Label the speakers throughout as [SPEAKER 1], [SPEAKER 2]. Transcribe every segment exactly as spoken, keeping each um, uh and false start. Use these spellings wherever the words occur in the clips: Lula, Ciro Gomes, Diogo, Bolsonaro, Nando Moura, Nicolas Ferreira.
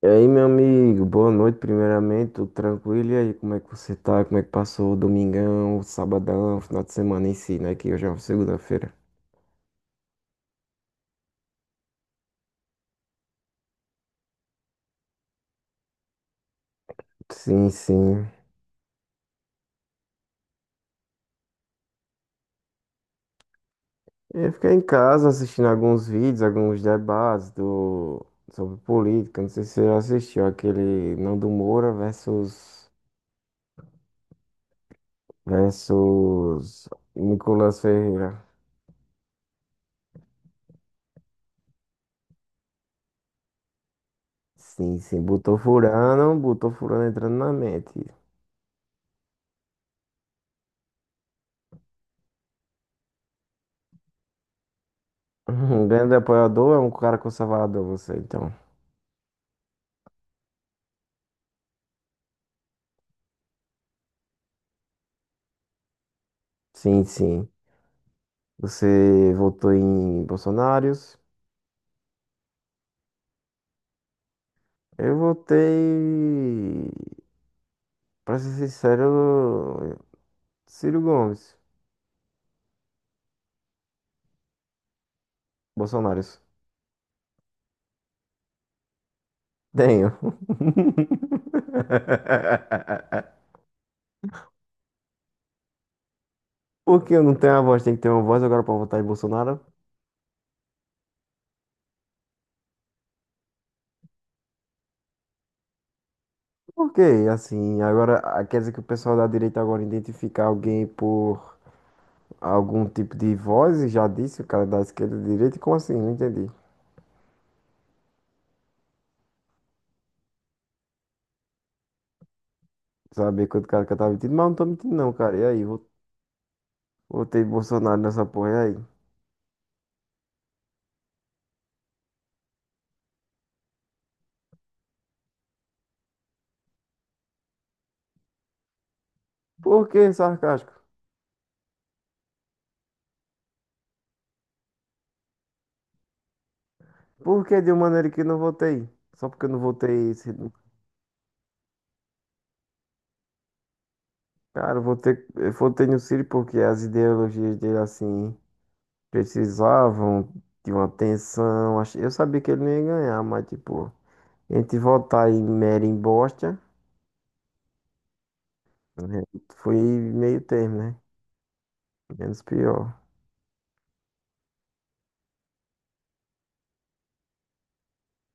[SPEAKER 1] E aí, meu amigo, boa noite, primeiramente, tudo tranquilo? E aí, como é que você tá? Como é que passou o domingão, o sabadão, o final de semana em si, né? Que hoje é uma segunda-feira. Sim, sim. Eu fiquei em casa assistindo alguns vídeos, alguns debates do... sobre política. Não sei se você já assistiu aquele Nando Moura versus, versus Nicolas Ferreira. Sim, sim, botou furando, botou furando entrando na mente. Um grande apoiador é um cara conservador, você, então. Sim, sim. Você votou em Bolsonaros. Eu votei, pra ser sincero, Ciro Gomes. Bolsonaros. Tenho. Por que eu não tenho a voz? Tem que ter uma voz agora pra votar em Bolsonaro? Por quê? Assim, agora ah, quer dizer que o pessoal da direita agora identifica alguém por algum tipo de voz e já disse o cara da esquerda e direita? Como assim? Não entendi. Saber quanto cara que eu tava mentindo, mas eu não tô mentindo não, cara. E aí, votei Bolsonaro nessa porra aí. Por que sarcástico? Por que de uma maneira que não votei? Só porque eu não votei. Ciro. Cara, eu votei, eu votei no Ciro porque as ideologias dele, assim, precisavam de uma atenção. Ach- Eu sabia que ele não ia ganhar, mas, tipo, entre votar em mera embosta, né, foi meio termo, né? Menos pior.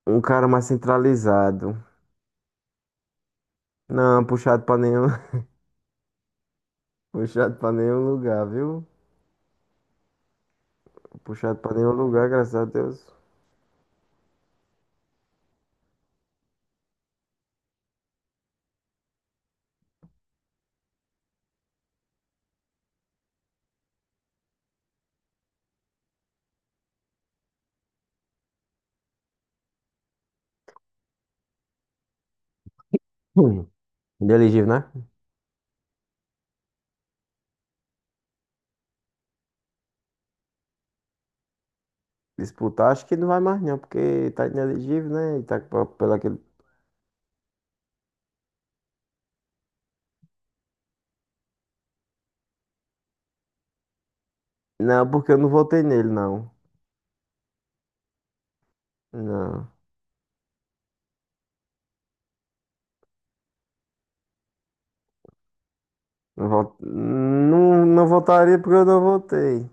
[SPEAKER 1] Um cara mais centralizado. Não, puxado pra nenhum, puxado pra nenhum lugar, viu? Puxado pra nenhum lugar, graças a Deus. Inelegível, né? Disputar, acho que não vai mais não, porque tá inelegível, né? E tá p- pelo aquele... Não, porque eu não votei nele, não. Não. Não, vot... não, não votaria porque eu não votei.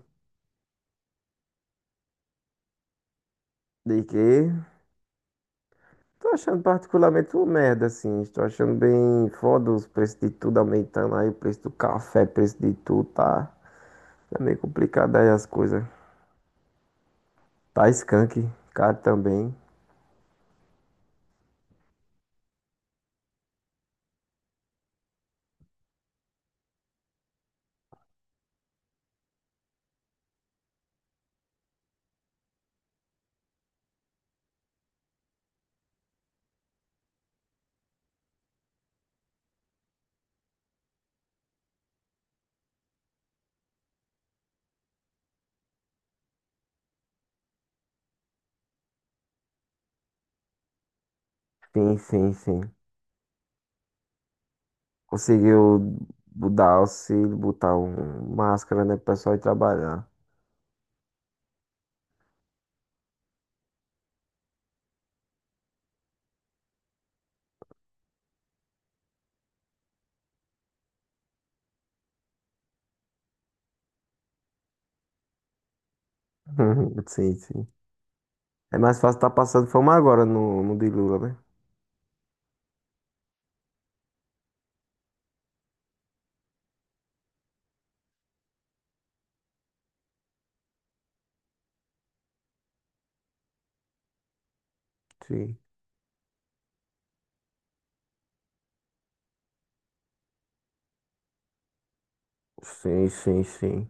[SPEAKER 1] De quê? Tô achando particularmente uma merda, assim. Estou achando bem foda os preços de tudo aumentando aí. O preço do café, preço de tudo, tá... Tá meio complicado aí as coisas. Tá skunk, caro também. Sim, sim, sim. Conseguiu dar auxílio, botar um um máscara, né, pro pessoal ir trabalhar. Sim, sim. É mais fácil estar passando fome agora no, no de Lula, né? Sim. Sim, sim, sim.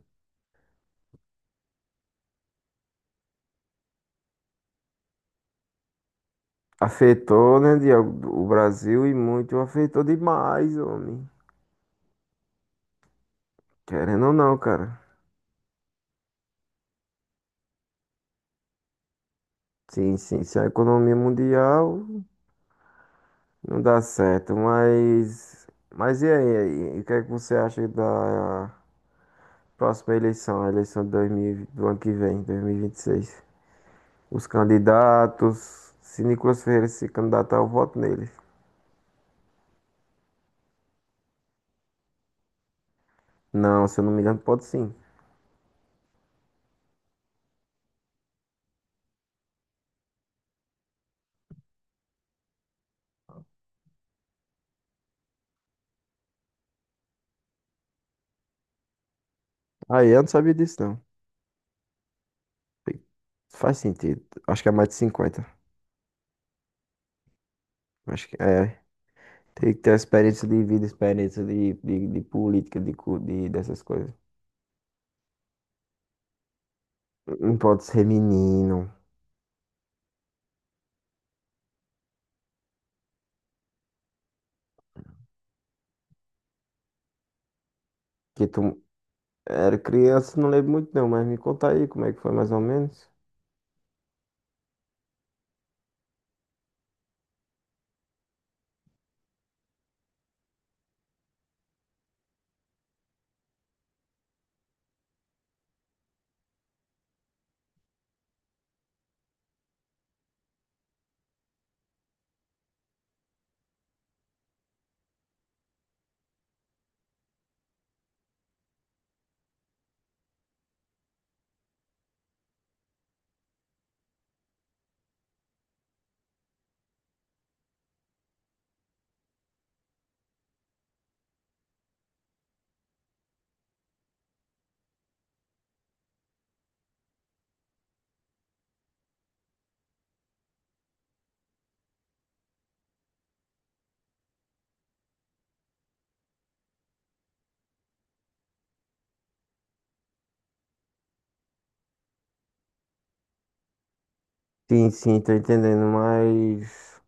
[SPEAKER 1] Afetou, né, Diogo, o Brasil e muito afetou demais, homem. Querendo ou não, cara. Sim, sim, se a economia mundial não dá certo, mas. Mas e aí? E o que é que você acha da próxima eleição, a eleição de dois mil do ano que vem, dois mil e e vinte e seis os candidatos. Se Nicolas Ferreira se candidatar, eu voto nele. Não, se eu não me engano, pode sim. Aí, eu não sabia disso, não. Tem- Faz sentido. Acho que é mais de cinquenta. Acho que é. Tem que ter experiência de vida, experiência de, de, de política, de, cu- de dessas coisas. Não pode ser menino. Que tu era criança, não lembro muito não, mas me conta aí como é que foi mais ou menos. Sim, sim, tô entendendo, mas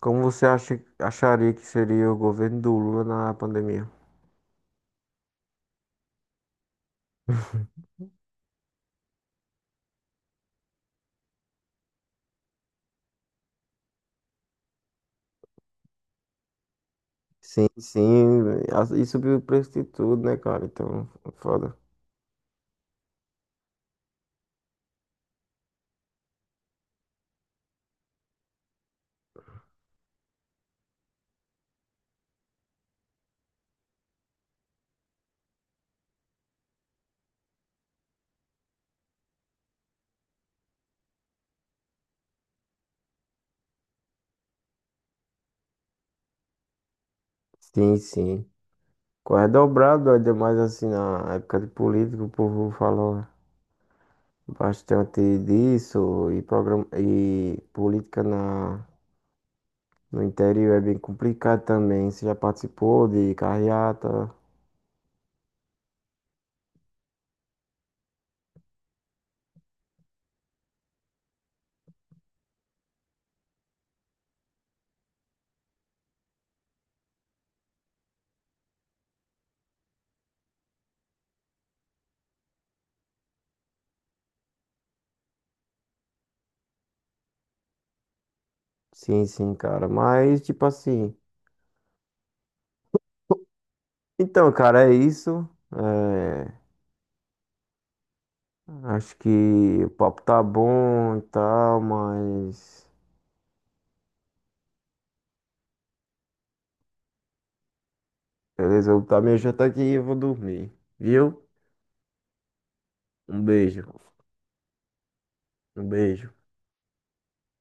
[SPEAKER 1] como você acha, acharia que seria o governo do Lula na pandemia? Sim, sim. as- E subiu o preço de tudo, né, cara? Então, foda. Sim, sim. Corre dobrado, ainda mais assim na época de política, o povo falou bastante disso. E, programa, e política na, no interior é bem complicado também. Você já participou de carreata? Sim, sim, cara. Mas, tipo assim. Então, cara, é isso. É, acho que o papo tá bom e tal, mas. Beleza, eu vou já meu aqui e eu vou dormir. Viu? Um beijo. Um beijo.